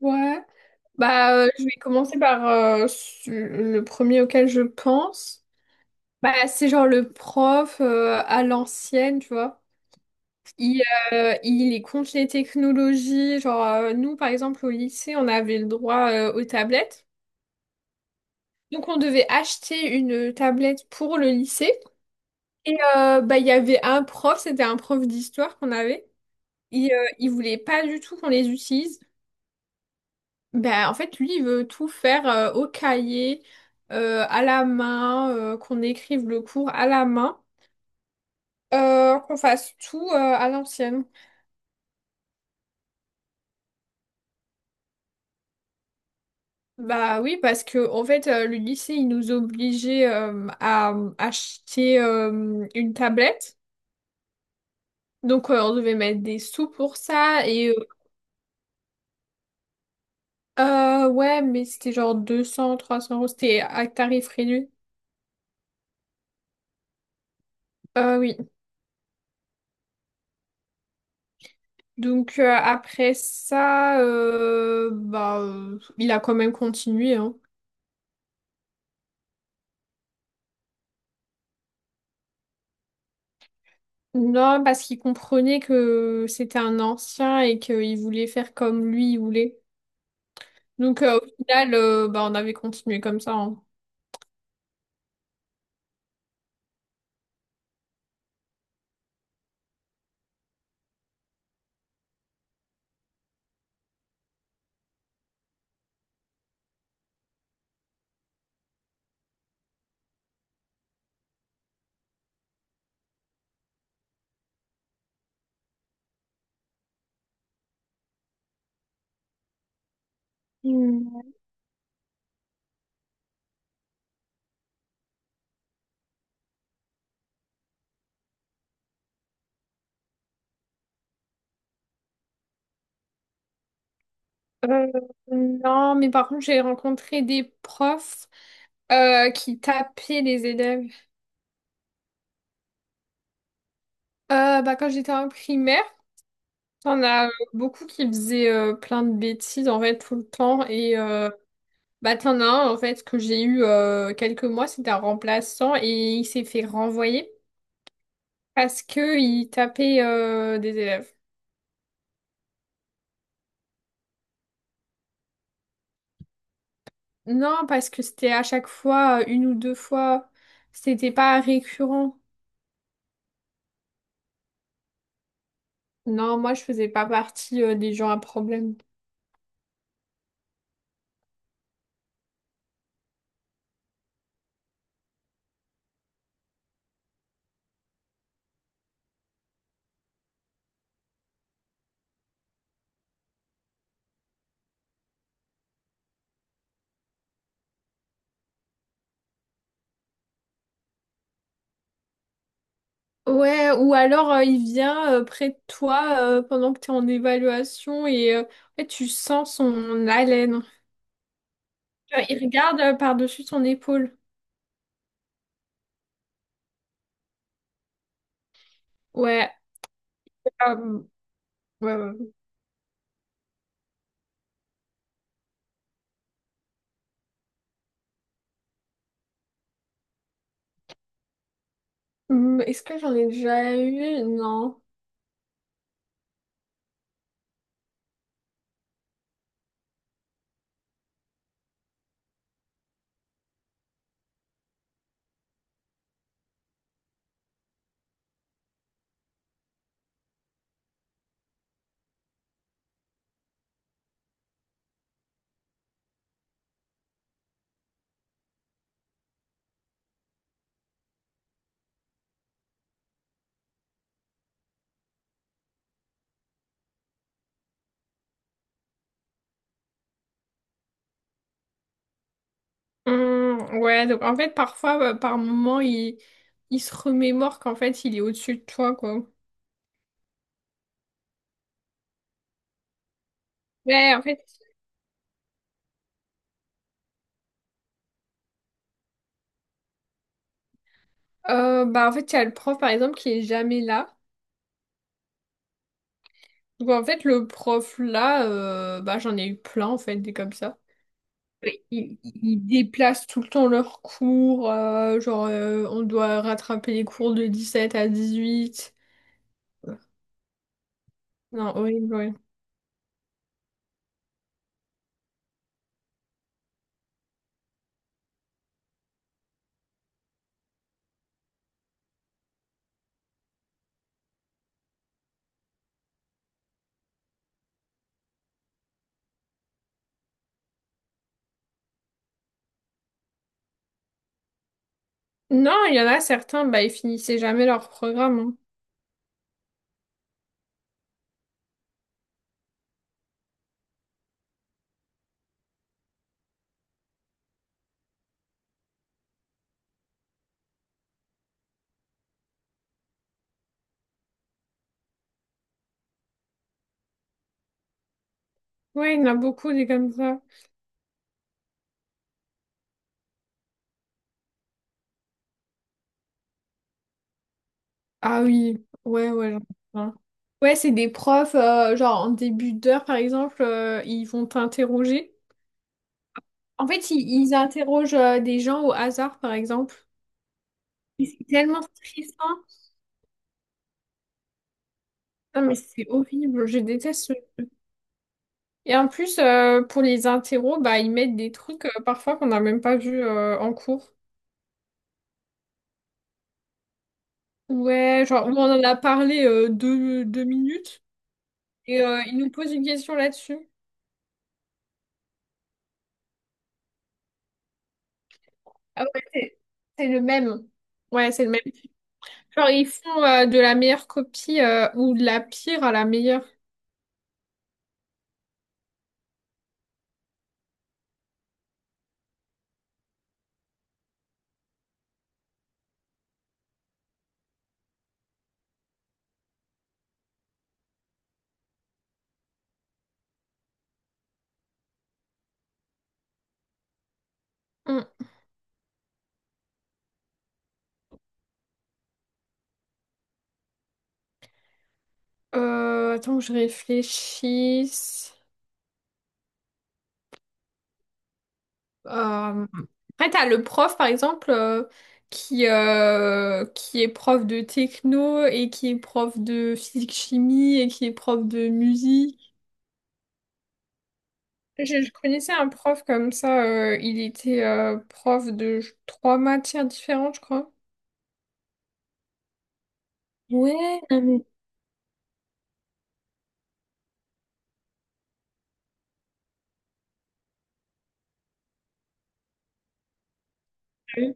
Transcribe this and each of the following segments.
Ouais. Je vais commencer par le premier auquel je pense. Bah, c'est genre le prof à l'ancienne, tu vois. Il, il est contre les technologies. Genre, nous, par exemple, au lycée, on avait le droit aux tablettes. Donc, on devait acheter une tablette pour le lycée. Il y avait un prof, c'était un prof d'histoire qu'on avait. Il voulait pas du tout qu'on les utilise. Ben, en fait, lui, il veut tout faire au cahier, à la main, qu'on écrive le cours à la main, qu'on fasse tout à l'ancienne. Bah oui, parce que en fait, le lycée, il nous obligeait à acheter une tablette. Donc, on devait mettre des sous pour ça. Ouais, mais c'était genre deux cents trois cents euros. C'était à tarif réduit. Oui. Après ça, il a quand même continué, hein. Non, parce qu'il comprenait que c'était un ancien et qu'il voulait faire comme lui il voulait. Au final, on avait continué comme ça, hein. Hmm. Euh, non, mais par contre, j'ai rencontré des profs qui tapaient les élèves. Quand j'étais en primaire, on a beaucoup qui faisaient plein de bêtises en fait tout le temps. T'en as un, en fait, que j'ai eu quelques mois, c'était un remplaçant et il s'est fait renvoyer parce que il tapait des élèves. Non, parce que c'était à chaque fois, une ou deux fois, c'était pas récurrent. Non, moi, je faisais pas partie des gens à problème. Ouais, ou alors il vient près de toi pendant que t'es en évaluation et en fait, tu sens son haleine. Il regarde par-dessus ton épaule. Ouais. Euh, ouais. Hum. Est-ce que j'en ai déjà eu? Non. Ouais, donc en fait, parfois, bah, par moment, il se remémore qu'en fait, il est au-dessus de toi, quoi. Ouais, en fait, en fait, il y a le prof, par exemple, qui est jamais là. Donc, en fait, le prof, là, j'en ai eu plein, en fait, des comme ça. Ils déplacent tout le temps leurs cours, on doit rattraper les cours de 17 à 18. Non, horrible, ouais. Non, il y en a certains, bah, ils finissaient jamais leur programme, hein. Ouais, il y en a beaucoup des comme ça. Ah oui, ouais, ouais, j'en ai plein. Ouais, c'est des profs, genre en début d'heure par exemple, ils vont t'interroger. En fait, ils interrogent des gens au hasard par exemple. Et c'est tellement stressant. Non, mais c'est horrible, je déteste ce- Et en plus, pour les interros, bah, ils mettent des trucs parfois qu'on n'a même pas vu en cours. Ouais, genre, on en a parlé deux minutes et ils nous posent une question là-dessus. Ah ouais, c'est le même. Ouais, c'est le même. Genre, ils font de la meilleure copie ou de la pire à la meilleure. Hum, attends que je réfléchisse. Euh, Après, t'as le prof, par exemple, qui est prof de techno et qui est prof de physique-chimie et qui est prof de musique. Je connaissais un prof comme ça, il était prof de trois matières différentes, je crois. Ouais, non, Euh,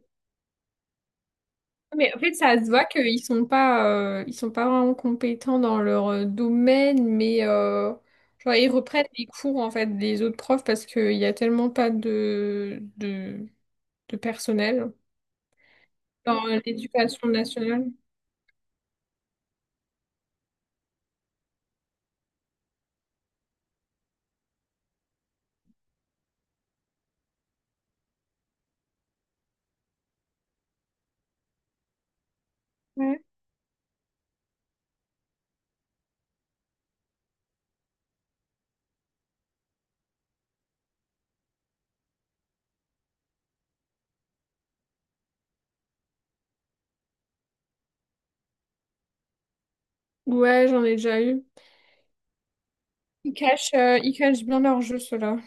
mais en fait, ça se voit qu'ils sont pas, ils sont pas vraiment compétents dans leur domaine, mais genre, ils reprennent les cours en fait des autres profs parce qu'il y a tellement pas de personnel dans l'éducation nationale. Ouais, Ouais, j'en ai déjà eu. Ils cachent, ils cachent bien leur jeu, ceux-là.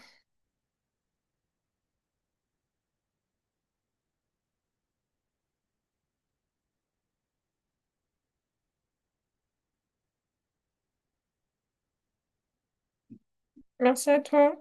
Merci à toi.